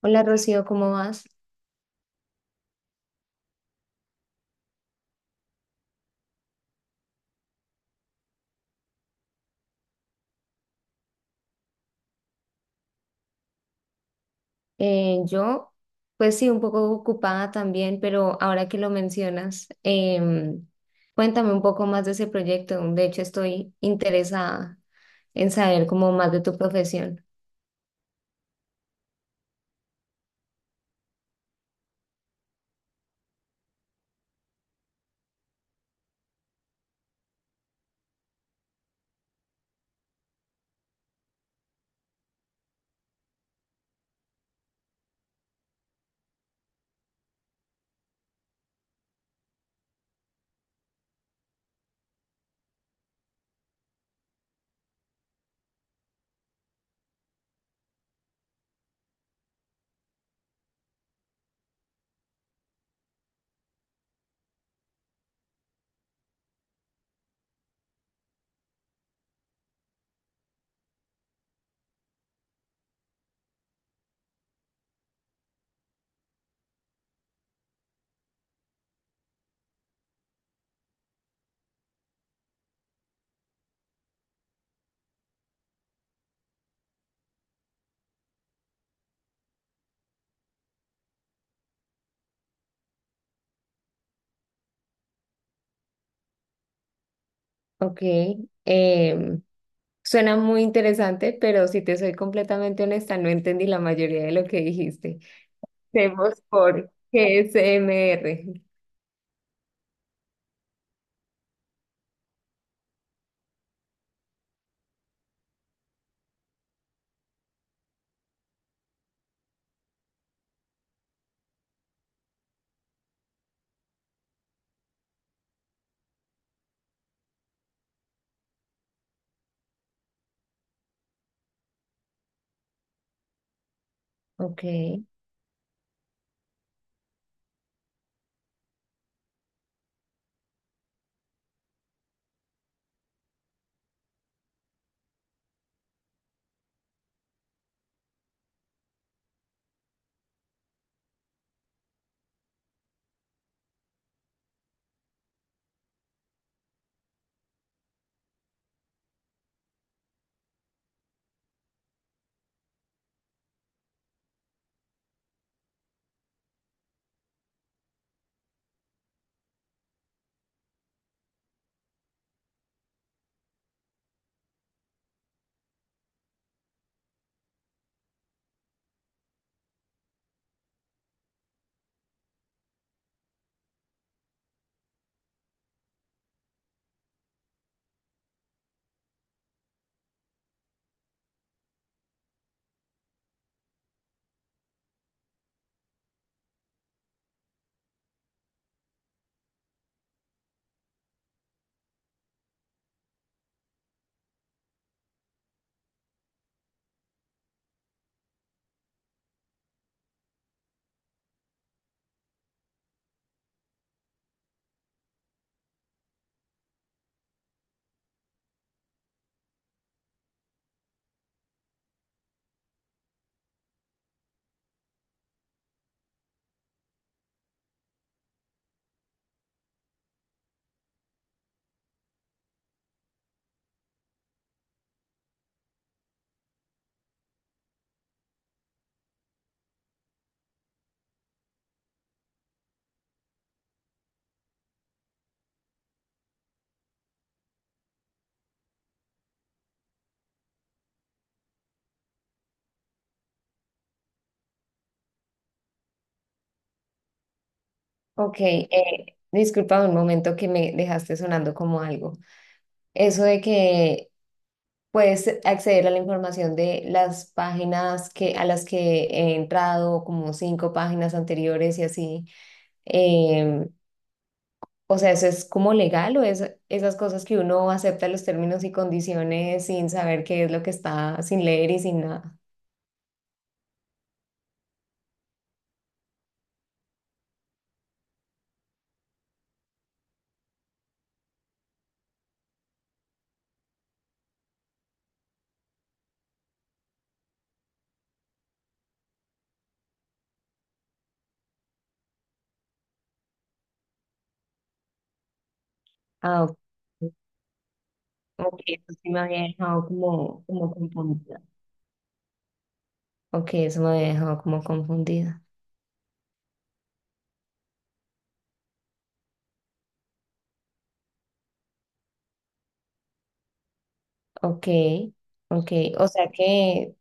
Hola Rocío, ¿cómo vas? Eh, yo, pues sí, un poco ocupada también, pero ahora que lo mencionas, cuéntame un poco más de ese proyecto. De hecho, estoy interesada en saber como más de tu profesión. Ok, em, suena muy interesante, pero si te soy completamente honesta, no entendí la mayoría de lo que dijiste. Vemos por GSMR. Ok, ok, disculpa un momento que me dejaste sonando como algo. Eso de que puedes acceder a la información de a las que he entrado, como cinco páginas anteriores y así. Em, o sea, ¿eso es como legal o es esas cosas que uno acepta los términos y condiciones sin saber qué es lo que está, sin leer y sin nada? Ah, ok. Ok, eso sí me había dejado como confundida. Ok, eso me había dejado como confundida. Ok, ok. O sea que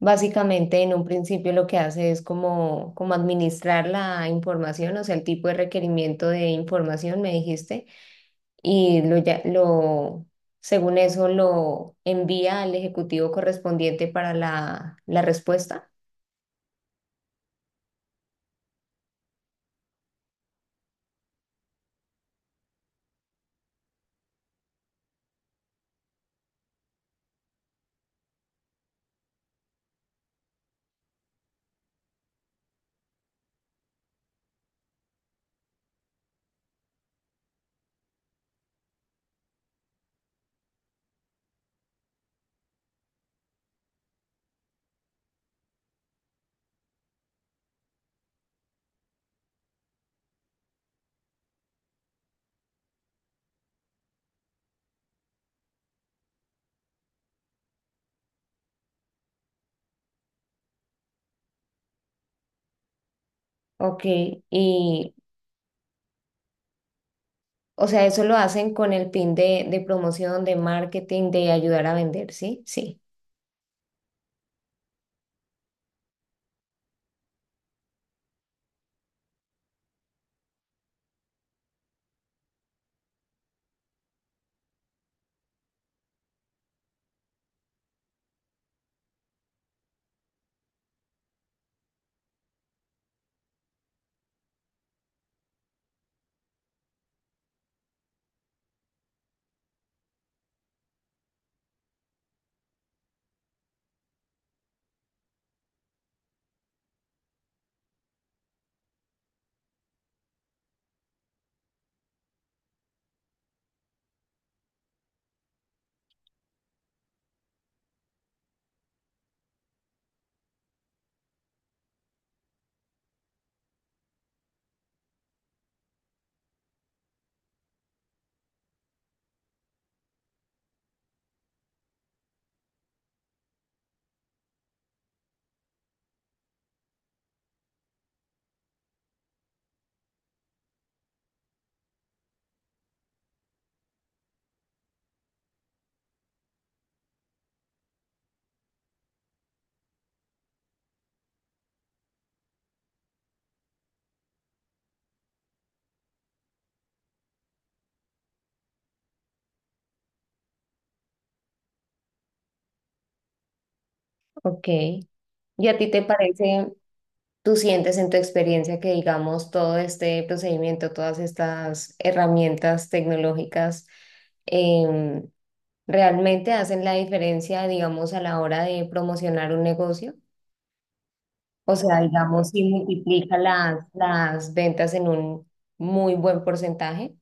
básicamente, en un principio lo que hace es como administrar la información, o sea, el tipo de requerimiento de información, me dijiste, y lo, ya- lo, según eso lo envía al ejecutivo correspondiente para la respuesta. Ok, y o sea, eso lo hacen con el fin de promoción, de marketing, de ayudar a vender, ¿sí? Sí, ok. ¿Y a ti te parece? ¿Tú sientes en tu experiencia que, digamos, todo este procedimiento, todas estas herramientas tecnológicas, em, realmente hacen la diferencia, digamos, a la hora de promocionar un negocio? O sea, digamos, ¿si multiplica las ventas en un muy buen porcentaje?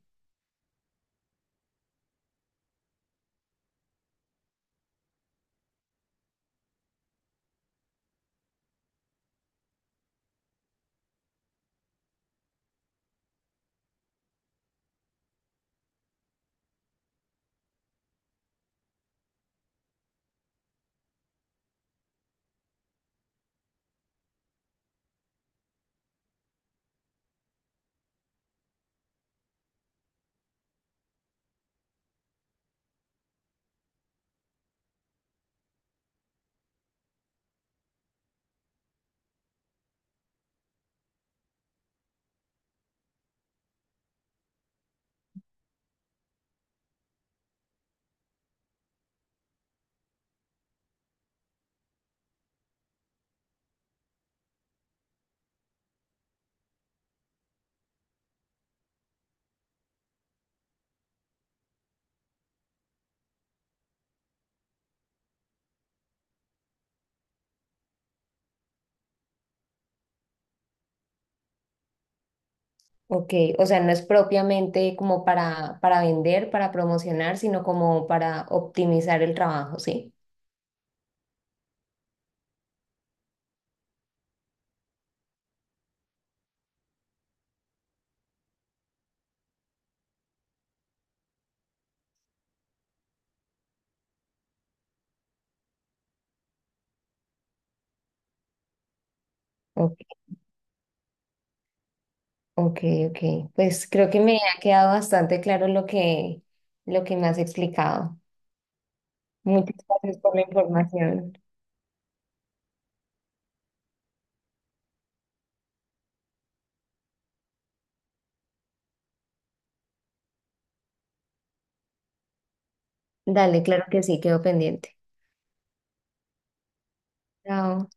Ok, o sea, no es propiamente como para vender, para promocionar, sino como para optimizar el trabajo, ¿sí? Ok, ok. Pues creo que me ha quedado bastante claro lo que me has explicado. Muchas gracias por la información. Dale, claro que sí, quedo pendiente. Chao.